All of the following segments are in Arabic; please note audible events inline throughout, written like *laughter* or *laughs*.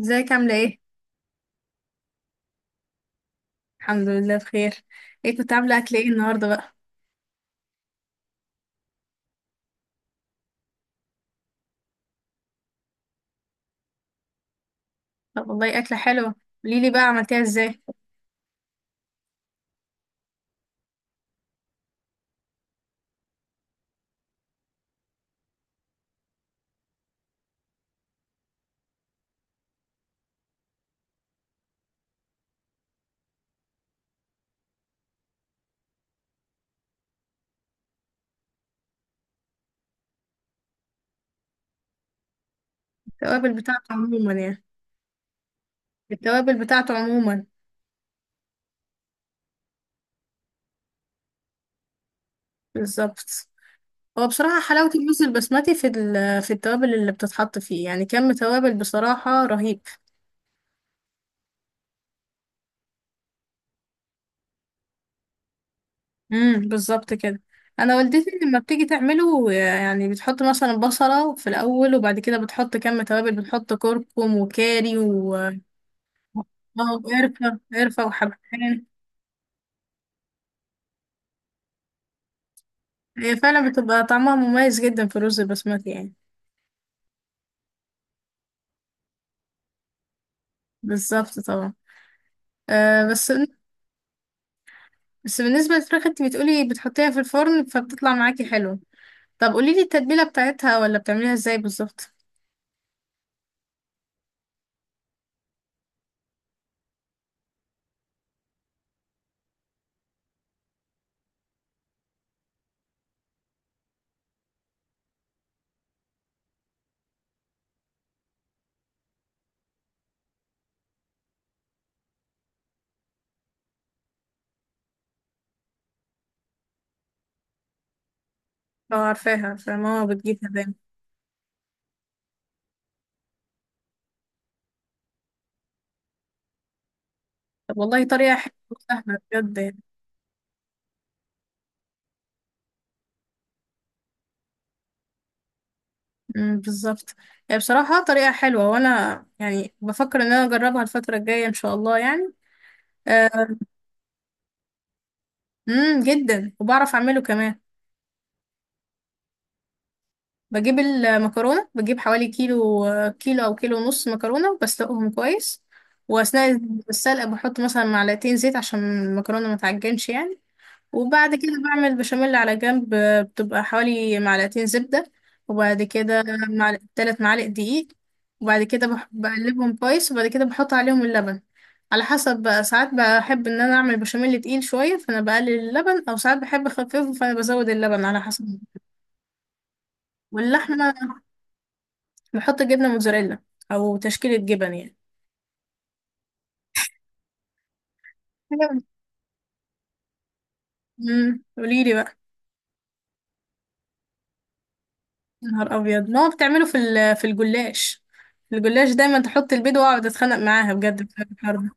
ازيك عاملة ايه؟ الحمد لله بخير. ايه كنت عاملة أكل ايه النهاردة بقى؟ طب والله أكلة حلوة. قوليلي بقى عملتيها ازاي؟ التوابل بتاعته عموما يعني. التوابل بتاعته عموما. بالظبط. هو بصراحة حلاوة الرز البسمتي في في التوابل اللي بتتحط فيه، يعني كم توابل بصراحة رهيب. بالظبط كده. انا والدتي لما بتيجي تعمله يعني بتحط مثلا بصلة في الأول وبعد كده بتحط كم توابل، بتحط كركم وكاري و اه وقرفة وحبهان. هي فعلا بتبقى طعمها مميز جدا في الرز البسمتي يعني. بالظبط طبعا. آه بس بس بالنسبة للفراخ انت بتقولي بتحطيها في الفرن فبتطلع معاكي حلو. طب قوليلي التتبيلة بتاعتها ولا بتعمليها ازاي بالظبط. اه، عارفاها عارفاها، ماما بتجيبها دايما. طب والله طريقة حلوة وسهلة بجد يعني. بالظبط. هي بصراحة طريقة حلوة وانا يعني بفكر ان انا اجربها الفترة الجاية ان شاء الله يعني. جدا. وبعرف اعمله كمان. بجيب المكرونة، بجيب حوالي كيلو، كيلو أو كيلو ونص مكرونة وبسلقهم كويس. وأثناء السلقة بحط مثلا معلقتين زيت عشان المكرونة ما تعجنش يعني. وبعد كده بعمل بشاميل على جنب، بتبقى حوالي معلقتين زبدة. وبعد كده تلات معالق دقيق. وبعد كده بقلبهم كويس وبعد كده بحط عليهم اللبن، على حسب بقى. ساعات بحب ان انا اعمل بشاميل تقيل شويه فانا بقلل اللبن، او ساعات بحب اخففه فانا بزود اللبن على حسب. واللحمه نحط جبنة موتزاريلا أو تشكيلة جبن يعني. حاجة. قوليلي بقى. يا نهار أبيض، ما هو بتعمله في في الجلاش. الجلاش دايما تحط البيض، وأقعد أتخانق معاها بجد في الحوار ده.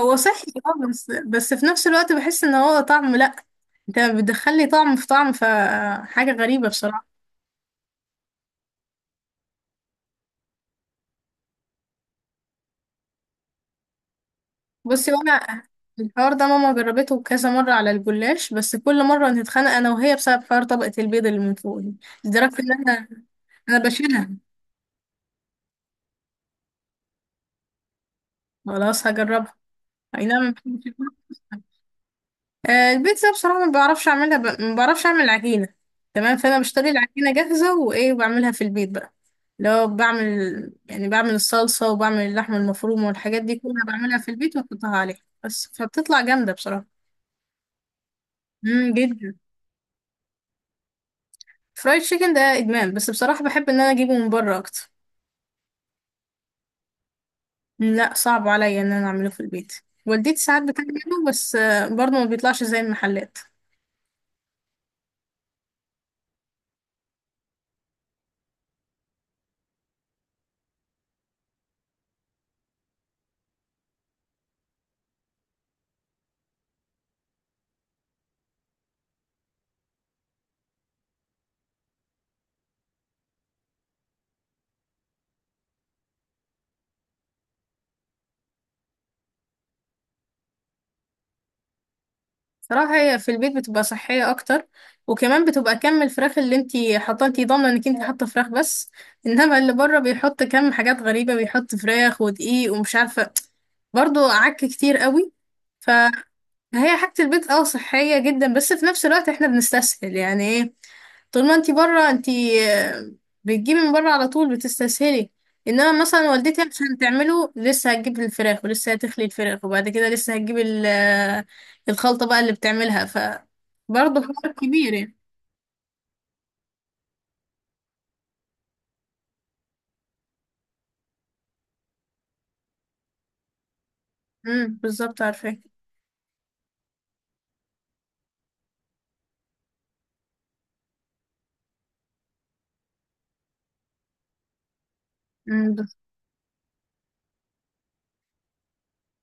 هو صحي اه، بس في نفس الوقت بحس إن هو طعم لأ. أنت بتدخلي طعم في طعم، فحاجة غريبة بصراحة. بصي وأنا. الحوار ده ماما جربته كذا مرة على الجلاش، بس كل مرة نتخانق أنا وهي بسبب حوار طبقة البيض اللي من فوق دي، لدرجة إن أنا. أنا بشيلها. خلاص هجربها. اي نعم، ما بحبش البيتزا. البيتزا بصراحة ما بعرفش اعملها ما بعرفش اعمل عجينة. تمام، فانا بشتري العجينة جاهزة وايه بعملها في البيت بقى. لو بعمل، يعني بعمل الصلصة وبعمل اللحمة المفرومة والحاجات دي كلها بعملها في البيت واحطها عليها بس، فبتطلع جامدة بصراحة. جدا. فرايد تشيكن ده ادمان، بس بصراحة بحب ان انا اجيبه من بره اكتر. لا، صعب عليا ان انا اعمله في البيت. والدتي ساعات بتعمله بس برضه ما بيطلعش زي المحلات. صراحة هي في البيت بتبقى صحية أكتر، وكمان بتبقى كم الفراخ اللي انتي حاطاه، انتي ضامنة انك انتي حاطة فراخ بس. انما اللي بره بيحط كم حاجات غريبة، بيحط فراخ ودقيق ومش عارفة، برضو عك كتير قوي. فهي حاجة البيت اه صحية جدا، بس في نفس الوقت احنا بنستسهل يعني ايه. طول ما انتي بره انتي، آه، بتجيبي من بره على طول بتستسهلي. انما مثلا والدتي عشان تعمله لسه هتجيب الفراخ ولسه هتخلي الفراخ وبعد كده لسه هتجيب الخلطة بقى اللي بتعملها ف. برضه حوار كبير يعني. بالظبط عارفة. امم بس-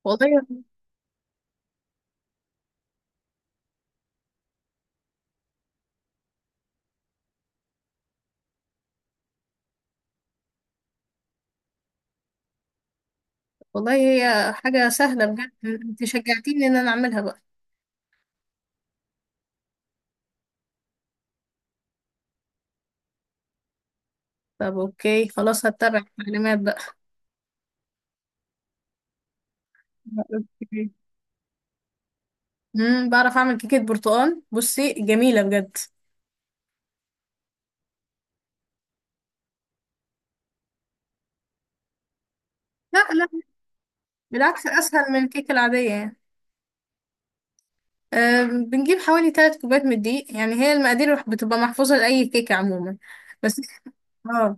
والله والله هي حاجة سهلة بجد، انت شجعتيني ان انا اعملها بقى. طب اوكي خلاص هتبع التعليمات بقى. اوكي. بعرف اعمل كيكة برتقال، بصي جميلة بجد. لا لا، بالعكس اسهل من الكيكة العادية يعني. بنجيب حوالي ثلاث كوبايات من الدقيق، يعني هي المقادير بتبقى محفوظة لأي كيكة عموما. بس *laughs* اه،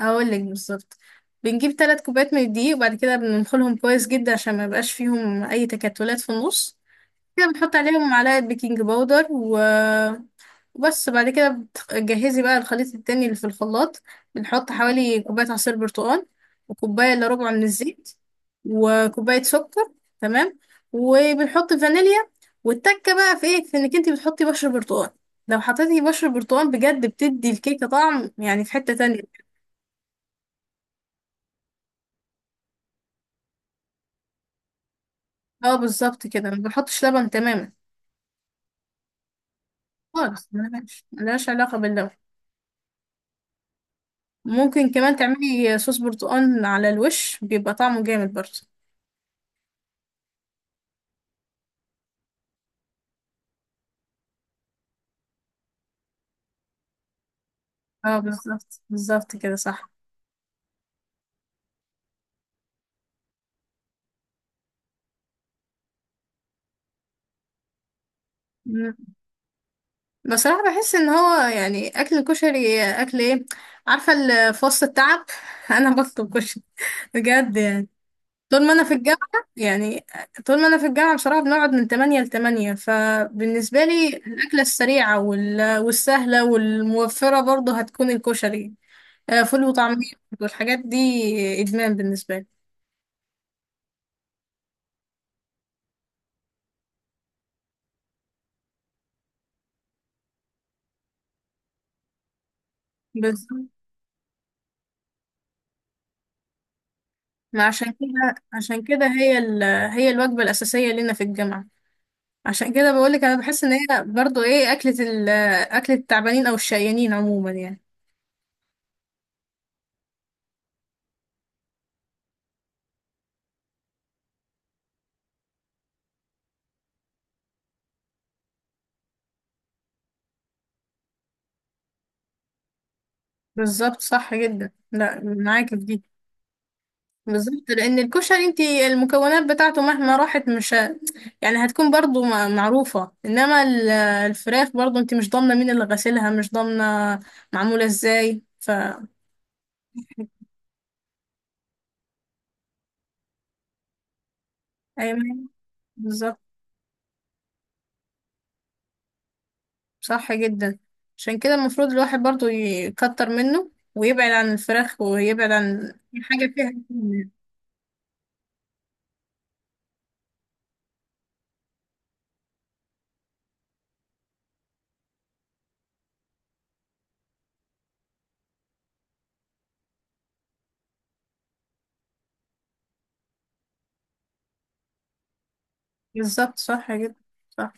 هقول لك بالظبط. بنجيب ثلاث كوبايات من الدقيق وبعد كده بننخلهم كويس جدا عشان ما يبقاش فيهم أي تكتلات في النص. كده بنحط عليهم معلقة بيكنج باودر وبس. بعد كده بتجهزي بقى الخليط التاني اللي في الخلاط. بنحط حوالي كوباية عصير برتقال وكوباية إلا ربع من الزيت وكوباية سكر. تمام. وبنحط فانيليا. والتكة بقى في ايه، في انك انتي بتحطي بشر برتقال. لو حطيتي بشر برتقال بجد بتدي الكيكة طعم يعني في حتة تانية. اه بالظبط كده، ما بنحطش لبن تماما، خالص، ملهاش ملهاش علاقة باللبن. ممكن كمان تعملي صوص برتقال على الوش بيبقى طعمه جامد برضه. اه بالظبط بالظبط كده صح. مم. بصراحة بحس ان هو يعني اكل الكشري اكل ايه. عارفة في وسط التعب *laughs* انا بطلب كشري بجد يعني. طول ما انا في الجامعة يعني. طول ما انا في الجامعة بصراحة بنقعد من 8 ل 8، فبالنسبة لي الاكلة السريعة والسهلة والموفرة برضه هتكون الكشري. فول وطعمية والحاجات دي، ادمان بالنسبة لي. بالظبط. ما عشان كده عشان كده هي الوجبة الأساسية لنا في الجامعة. عشان كده بقولك انا بحس ان هي برضو ايه، اكلة التعبانين او الشقيانين عموما يعني. بالظبط صح جدا، لا معاكي في دي. بالظبط، لان الكشري انت المكونات بتاعته مهما راحت مش يعني هتكون برضو معروفة، انما الفراخ برضو انت مش ضامنة مين اللي غسلها، مش ضامنة معمولة ازاي ف. ايوه بالظبط صح جدا. عشان كده المفروض الواحد برضو يكتر منه ويبعد عن الفراخ ويبعد عن أي حاجة فيها. بالظبط صح جدا. صح.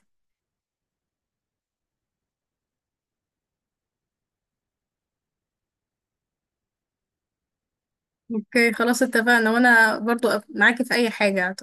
اوكي خلاص اتفقنا، وانا برضو معاكي في اي حاجة.